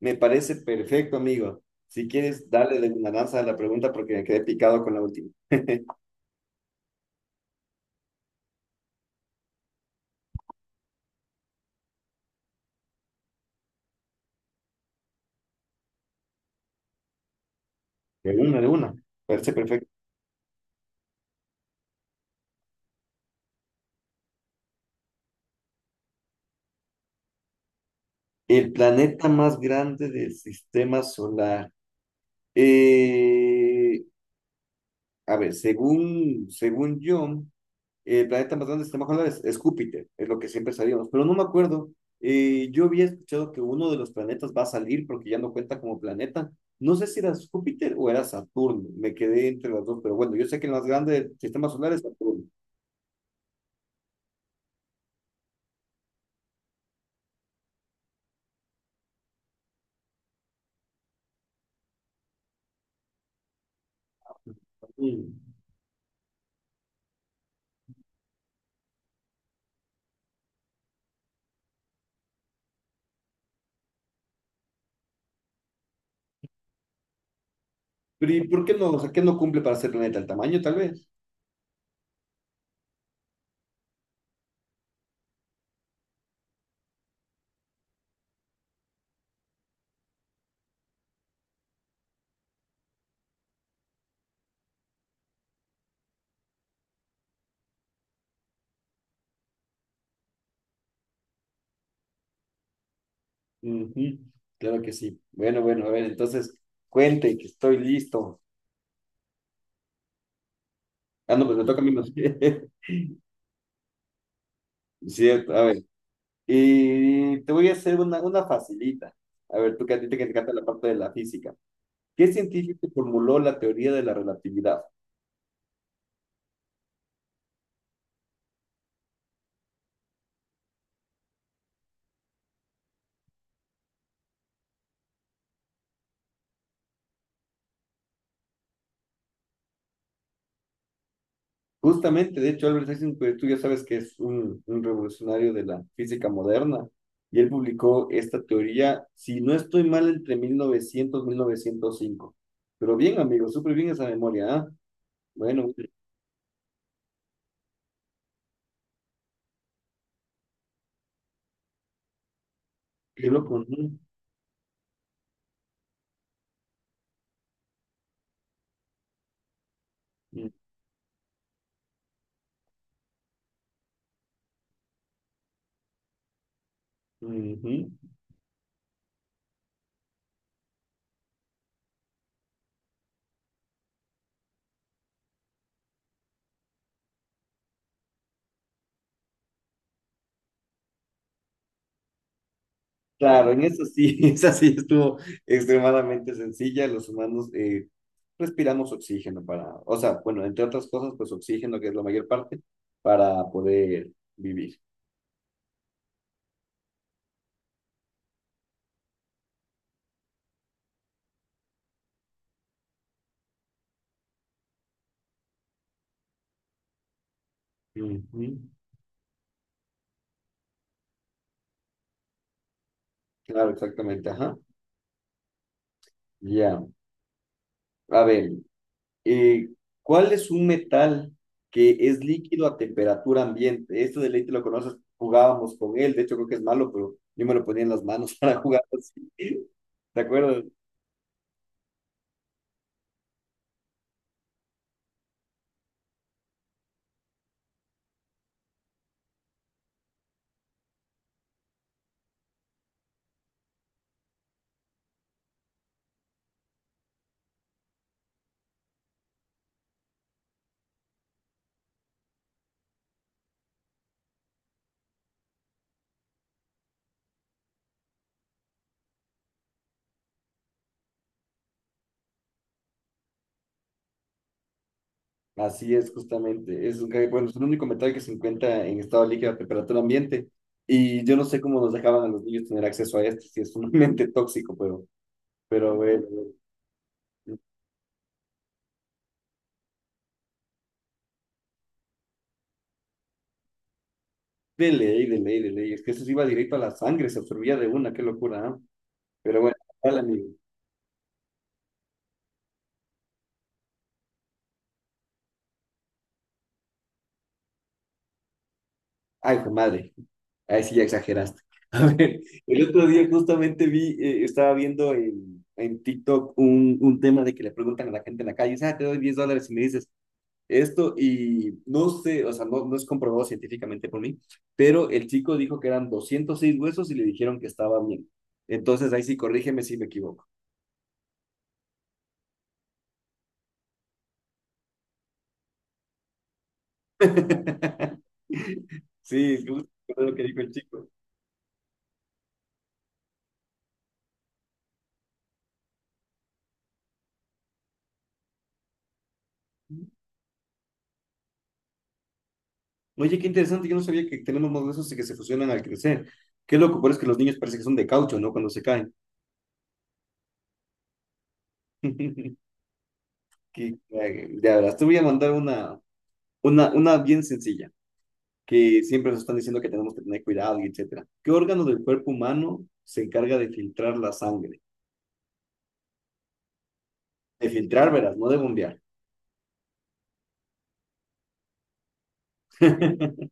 Me parece perfecto, amigo. Si quieres, darle de una danza a la pregunta porque me quedé picado con la última. De una, de una. Parece perfecto. El planeta más grande del sistema solar. Eh, a ver, según yo, el planeta más grande del sistema solar es Júpiter, es lo que siempre sabíamos, pero no me acuerdo. Yo había escuchado que uno de los planetas va a salir porque ya no cuenta como planeta. No sé si era Júpiter o era Saturno, me quedé entre las dos, pero bueno, yo sé que el más grande del sistema solar es Saturno. Mm. Pero ¿y por qué no? O sea, ¿qué no cumple para ser planeta? ¿El tamaño, tal vez? Ujú, claro que sí. Bueno, bueno, a ver, entonces, cuente que estoy listo. Ah, no, pues me toca a mí más bien. Cierto, a ver. Y te voy a hacer una facilita. A ver, tú que a ti te que te encanta la parte de la física. ¿Qué científico formuló la teoría de la relatividad? Justamente, de hecho, Albert Einstein, pues, tú ya sabes que es un revolucionario de la física moderna, y él publicó esta teoría, si no estoy mal, entre 1900 y 1905. Pero bien, amigo, súper bien esa memoria, ¿ah? Bueno, qué loco. Ujú, ujú. Claro, en eso sí, esa sí estuvo extremadamente sencilla. Los humanos respiramos oxígeno para, o sea, bueno, entre otras cosas, pues oxígeno, que es la mayor parte, para poder vivir. Ujú. Claro, exactamente, ajá. Ya. A ver, eh, ¿cuál es un metal que es líquido a temperatura ambiente? Esto de ley te lo conoces, jugábamos con él, de hecho creo que es malo, pero yo me lo ponía en las manos para jugar así. ¿Te acuerdas? Así es, justamente. Bueno, es el único metal que se encuentra en estado líquido a temperatura ambiente. Y yo no sé cómo nos dejaban a los niños tener acceso a esto, si es sumamente tóxico, pero bueno, bueno. De ley, de ley, de ley. Es que eso se iba directo a la sangre, se absorbía de una, qué locura, ¿eh? Pero bueno, ¿cuál amigo? Ay, hijo de madre, ahí sí ya exageraste. A ver, el otro día justamente estaba viendo en, TikTok un tema de que le preguntan a la gente en la calle, ah, te doy 10 dólares y me dices esto y no sé, o sea, no, no es comprobado científicamente por mí, pero el chico dijo que eran 206 huesos y le dijeron que estaba bien. Entonces ahí sí, corrígeme si me equivoco. Sí, es justo lo que dijo el chico. Oye, qué interesante, yo no sabía que tenemos modelos de esos que se fusionan al crecer. Qué loco, pero es que los niños parece que son de caucho, ¿no? Cuando se caen. Qué cague. Ya verás, te voy a mandar una bien sencilla, que siempre nos están diciendo que tenemos que tener cuidado y etcétera. ¿Qué órgano del cuerpo humano se encarga de filtrar la sangre? De filtrar, verás, no de bombear.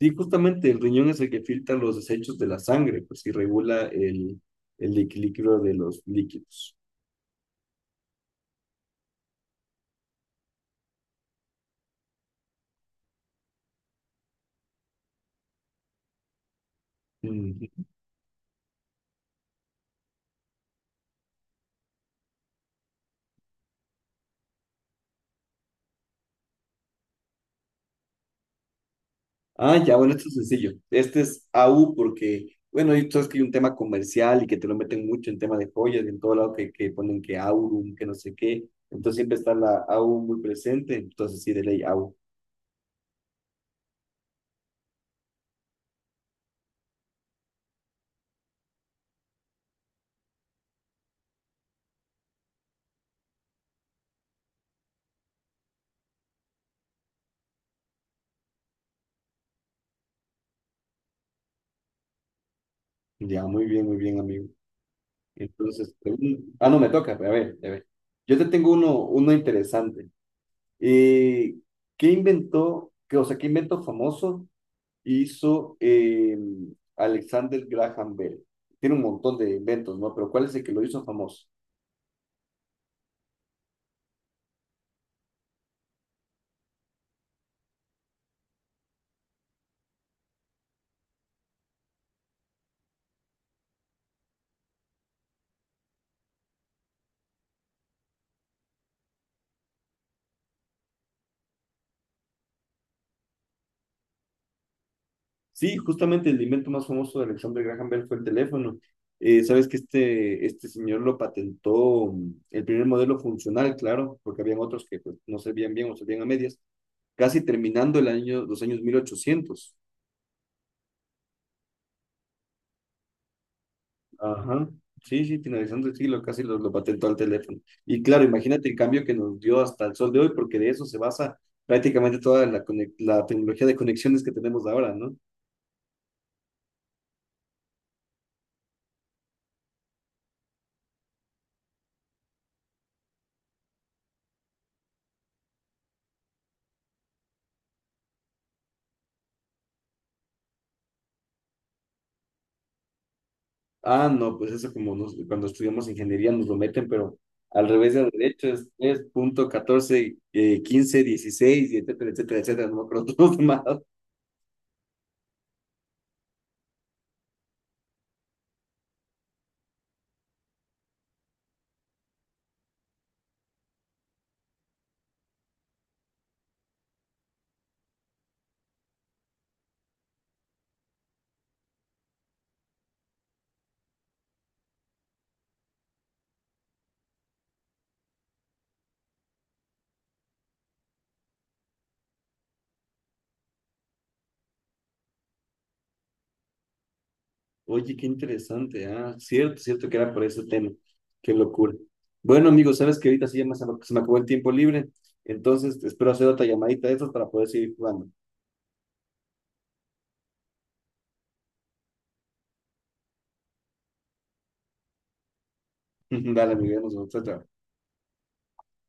Sí, justamente el riñón es el que filtra los desechos de la sangre, pues y regula el equilibrio de los líquidos. Ujú. Ah, ya, bueno, esto es sencillo. Este es AU porque, bueno, y tú sabes que hay un tema comercial y que te lo meten mucho en tema de joyas y en todo lado que ponen que Aurum, que no sé qué. Entonces siempre está la AU muy presente. Entonces sí, de ley AU. Ya, muy bien, amigo. Entonces, ah, no, me toca. Pero a ver, a ver. Yo te tengo uno interesante. Eh, ¿Qué inventó, qué, o sea, qué invento famoso hizo Alexander Graham Bell? Tiene un montón de inventos, ¿no? Pero ¿cuál es el que lo hizo famoso? Sí, justamente el invento más famoso de Alexander Graham Bell fue el teléfono. Sabes que este señor lo patentó, el primer modelo funcional, claro, porque habían otros que pues, no servían bien o servían a medias, casi terminando el año, los años 1800. Ajá, sí, sí, finalizando el siglo, casi lo patentó al teléfono. Y claro, imagínate el cambio que nos dio hasta el sol de hoy, porque de eso se basa prácticamente toda la tecnología de conexiones que tenemos ahora, ¿no? Ah, no, pues eso cuando estudiamos ingeniería nos lo meten, pero al revés del derecho es 3.14, 15, 16, y etcétera, etcétera, etcétera, no me acuerdo todo más. Oye, qué interesante, ah, cierto, cierto que era por ese tema, qué locura. Bueno, amigos, sabes que ahorita sí se me acabó el tiempo libre, entonces espero hacer otra llamadita de estas para poder seguir jugando. Dale, amigos, nos vemos, chao, chao.